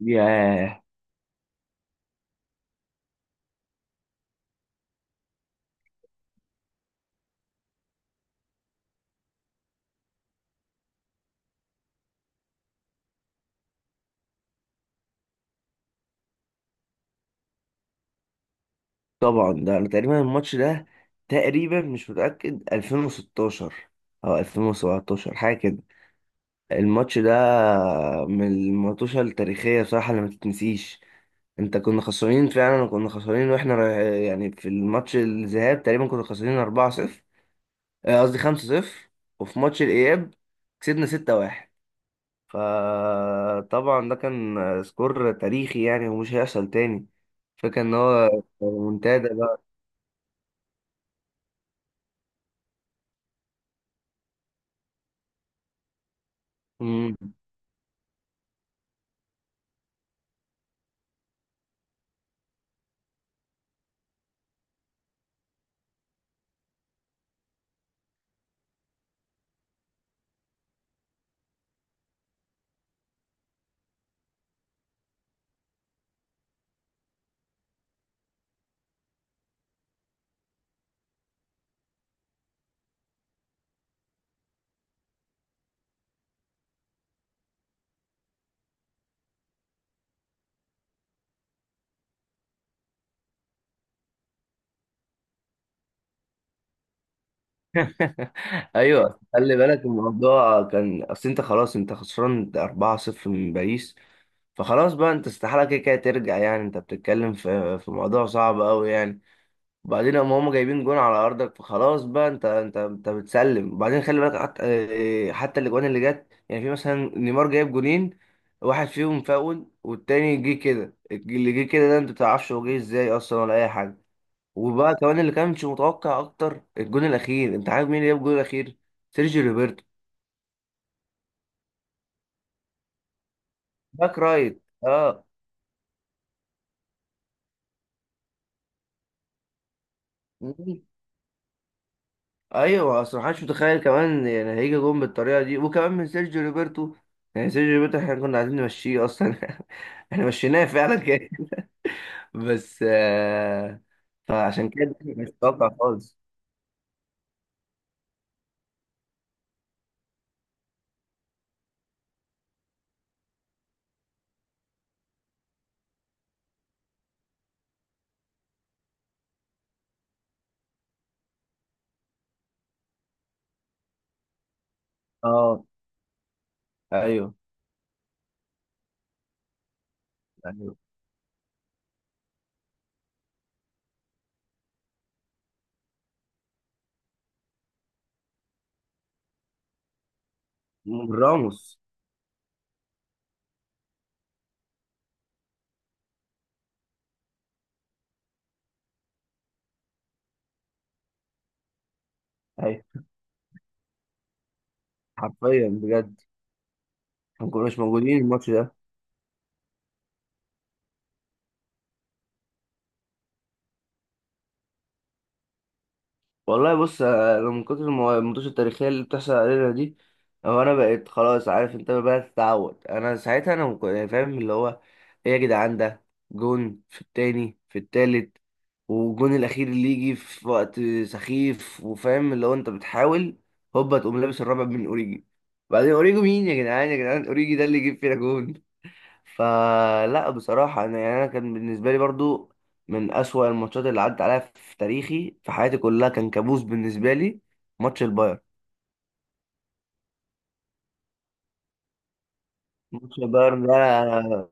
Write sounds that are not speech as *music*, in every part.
ياه. طبعا، ده انا تقريبا الماتش ده، تقريبا مش متأكد، 2016 او 2017، حاجة كده. الماتش ده من الماتشات التاريخية بصراحة اللي ما تتنسيش. انت، كنا خسرانين فعلا كنا خسرانين. يعني في الماتش الذهاب تقريبا كنا خسرانين 4-0. قصدي 5-0. وفي ماتش الإياب كسبنا 6-1. فطبعا ده كان سكور تاريخي، يعني ومش هيحصل تاني. فكان ان هو منتدى. مم. *laughs* ايوه، خلي بالك الموضوع كان، اصل انت خلاص، انت خسران 4-0 من باريس. فخلاص بقى، انت استحاله كده كده ترجع، يعني انت بتتكلم في موضوع صعب قوي يعني. وبعدين هم جايبين جون على ارضك. فخلاص بقى، انت بتسلم. وبعدين خلي بالك حتى، حتى الاجوان اللي جت، يعني في مثلا نيمار جايب جونين، واحد فيهم فاول والتاني جه كده، اللي جه كده ده انت ما بتعرفش هو جه ازاي اصلا، ولا اي. وبقى كمان اللي كانش متوقع اكتر، الجون الاخير، انت عارف مين اللي جاب الجون الاخير؟ سيرجيو روبرتو. باك رايت، اه. مم. ايوه، اصل ما حدش متخيل كمان يعني هيجي جون بالطريقه دي، وكمان من سيرجيو روبرتو. يعني سيرجيو روبرتو احنا كنا عايزين نمشيه اصلا. *laughs* احنا مشيناه فعلا كده. *laughs* بس. فعشان كده مش متوقع خالص. اه. ايوه، ايوه. راموس. ايوه، حرفيا بجد. ما كناش موجودين الماتش ده. والله بص، انا من كتر الماتشات التاريخيه اللي بتحصل علينا دي، هو انا بقيت خلاص عارف، انت بقى تتعود. انا ساعتها انا يعني فاهم اللي هو، ايه يا جدعان ده؟ جون في التاني، في التالت، والجون الاخير اللي يجي في وقت سخيف، وفاهم اللي هو انت بتحاول، هوبا تقوم لابس الرابع من اوريجي. بعدين اوريجي مين يا جدعان؟ يا جدعان اوريجي ده اللي يجيب فينا جون؟ فلا بصراحة، أنا يعني أنا كان بالنسبة لي برضو من أسوأ الماتشات اللي عدت عليا في تاريخي، في حياتي كلها، كان كابوس بالنسبة لي. ماتش البايرن. ماتش البايرن ده، أنا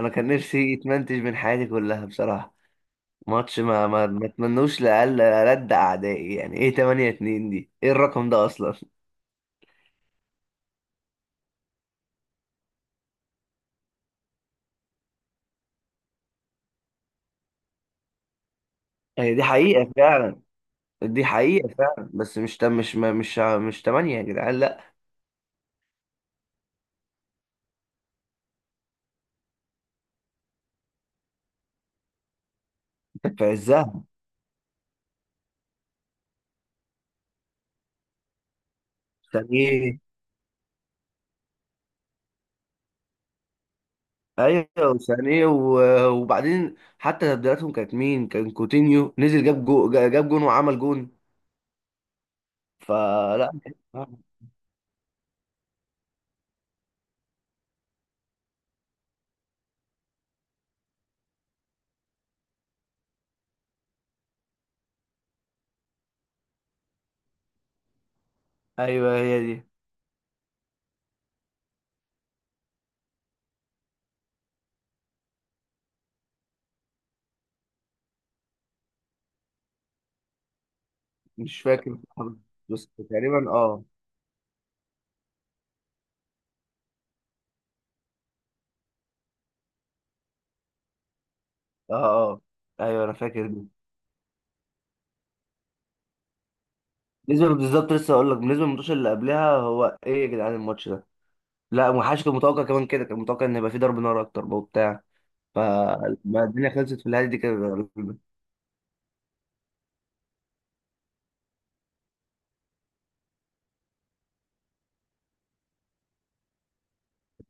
أنا كان نفسي يتمنتج من حياتي كلها بصراحة. ماتش ما اتمنوش لأقل ألد أعدائي. يعني إيه 8-2 دي؟ إيه الرقم ده أصلا؟ هي دي حقيقة فعلا. دي حقيقة فعلا، بس مش مش مش 8 يا جدعان، لا. في عزها. يعني إيه. ايوه، وسانيه وبعدين حتى تبديلاتهم كانت مين؟ كان كوتينيو نزل جاب جاب جون وعمل جون. فلا. ايوه، هي دي. مش فاكر، بس تقريبا اه. اه اه. ايوه، انا فاكر دي. بالظبط لسه اقول لك، بالنسبه للماتش اللي قبلها، هو ايه يا جدعان الماتش ده؟ لا، ما حدش كان متوقع كمان كده. كان متوقع ان يبقى فيه ضرب نار اكتر بقى وبتاع. فالدنيا خلصت في الهادي دي كده.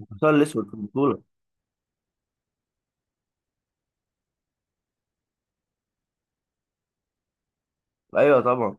الحصان الاسود في البطوله. ايوه طبعا.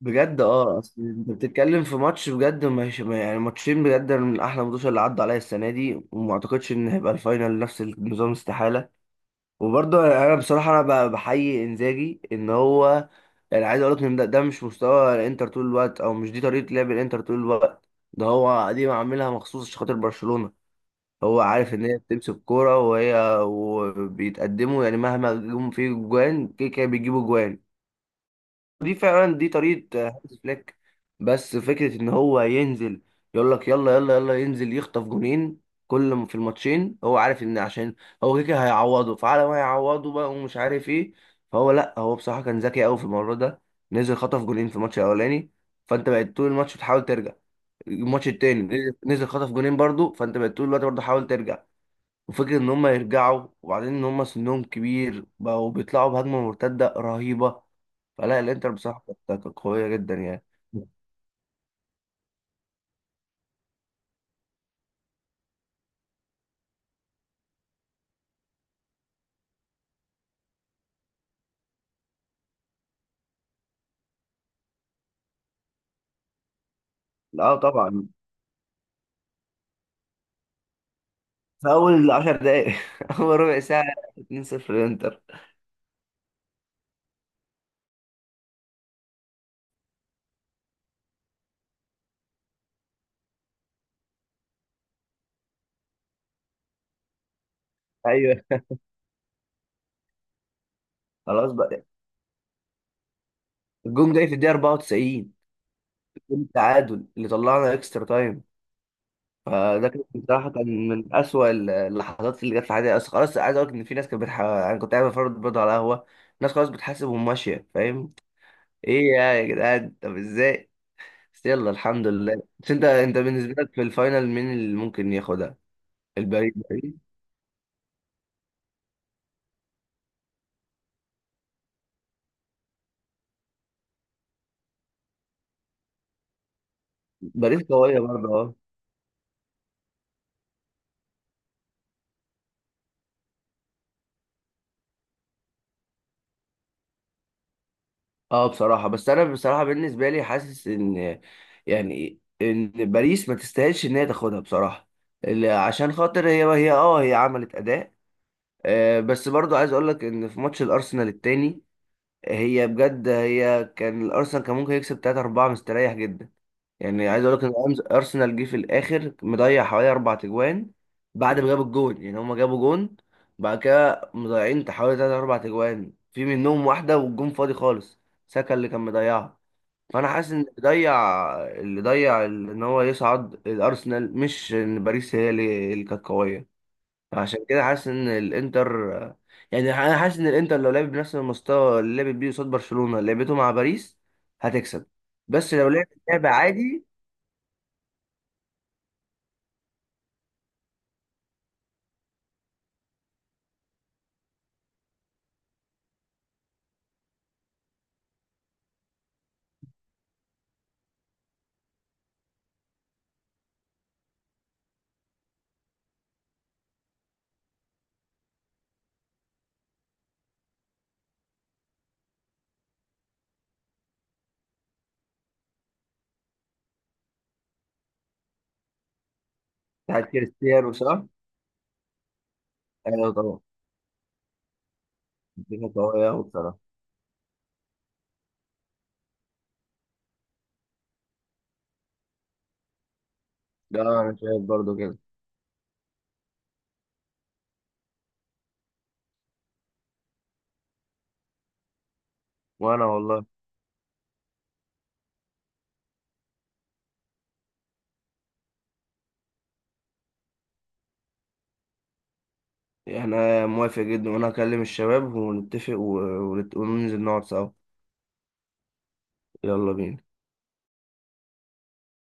بجد اه، اصل انت بتتكلم في ماتش بجد، مش يعني ماتشين بجد من احلى الماتشات اللي عدوا عليا السنه دي. وما اعتقدش ان هيبقى الفاينل نفس النظام، استحاله. وبرضه انا بصراحه انا بحيي انزاجي ان هو، يعني عايز اقول لك ان ده مش مستوى الانتر طول الوقت، او مش دي طريقه لعب الانتر طول الوقت. ده هو دي عاملها مخصوص عشان خاطر برشلونه. هو عارف ان هي بتمسك كوره وهي وبيتقدموا، يعني مهما جم فيه جوان كده كده بيجيبوا جوان. دي فعلا دي طريقة هانز فليك. بس فكرة ان هو ينزل، يقول لك يلا يلا يلا، ينزل يخطف جونين. في الماتشين هو عارف ان عشان هو كده كده هيعوضه، فعلى ما هيعوضه بقى ومش عارف ايه. فهو، لا هو بصراحة كان ذكي قوي في الموضوع ده. نزل خطف جونين في الماتش الاولاني. فانت بقيت طول الماتش بتحاول ترجع. الماتش التاني نزل خطف جونين برضو. فانت بقيت طول الوقت برضو حاول ترجع. وفكرة إن هما يرجعوا، وبعدين إن هما سنهم كبير بقوا بيطلعوا بهجمة مرتدة رهيبة. فلا، الإنتر بصراحة كانت قوية جدا يعني. لا طبعا. في أول عشر دقايق *laughs* أول ربع ساعة 2-0 الإنتر. أيوه، خلاص بقى. الجون جاي في الدقيقة 94. الجون التعادل اللي طلعنا إكسترا تايم. فده كان بصراحة، كان من أسوأ اللحظات اللي جت في حياتي. أصل خلاص عايز أقول لك إن في ناس كانت أنا كنت قاعد بفرج برضه على قهوة، ناس خلاص بتحاسب وماشية. فاهم؟ إيه يا جدعان؟ طب إزاي؟ بس يلا الحمد لله. بس انت بالنسبه لك، في الفاينل مين اللي ممكن ياخدها؟ الباريس، باريس. باريس قويه برضه، اه. اه بصراحه، بس انا بصراحه بالنسبه لي حاسس ان، يعني ان باريس ما تستاهلش ان هي تاخدها بصراحه. عشان خاطر هي عملت اداء. بس برضه عايز اقول لك ان في ماتش الارسنال التاني، هي بجد كان الارسنال كان ممكن يكسب 3 4 مستريح جدا. يعني عايز اقول لك ان ارسنال جه في الاخر مضيع حوالي اربع تجوان، بعد ما جابوا الجون. يعني هما جابوا جون، بعد كده مضيعين حوالي تلات اربع تجوان، في منهم واحده والجون فاضي خالص، ساكا اللي كان مضيعها. فانا حاسس ان اللي ضيع، ان هو يصعد الارسنال، مش ان باريس هي اللي كانت قويه. عشان كده حاسس ان الانتر يعني انا حاسس ان الانتر لو لعب بنفس المستوى اللي لعبت بيه قصاد برشلونه، لعبته مع باريس، هتكسب. بس لو لعبت لعبه عادي. بتاعت كريستيانو، صح؟ ايوه طبعا. الدنيا قوية أوي بصراحة. لا أنا شايف برضو كده. وأنا والله. احنا موافق جدا، وأنا هكلم الشباب ونتفق وننزل نقعد سوا. يلا بينا.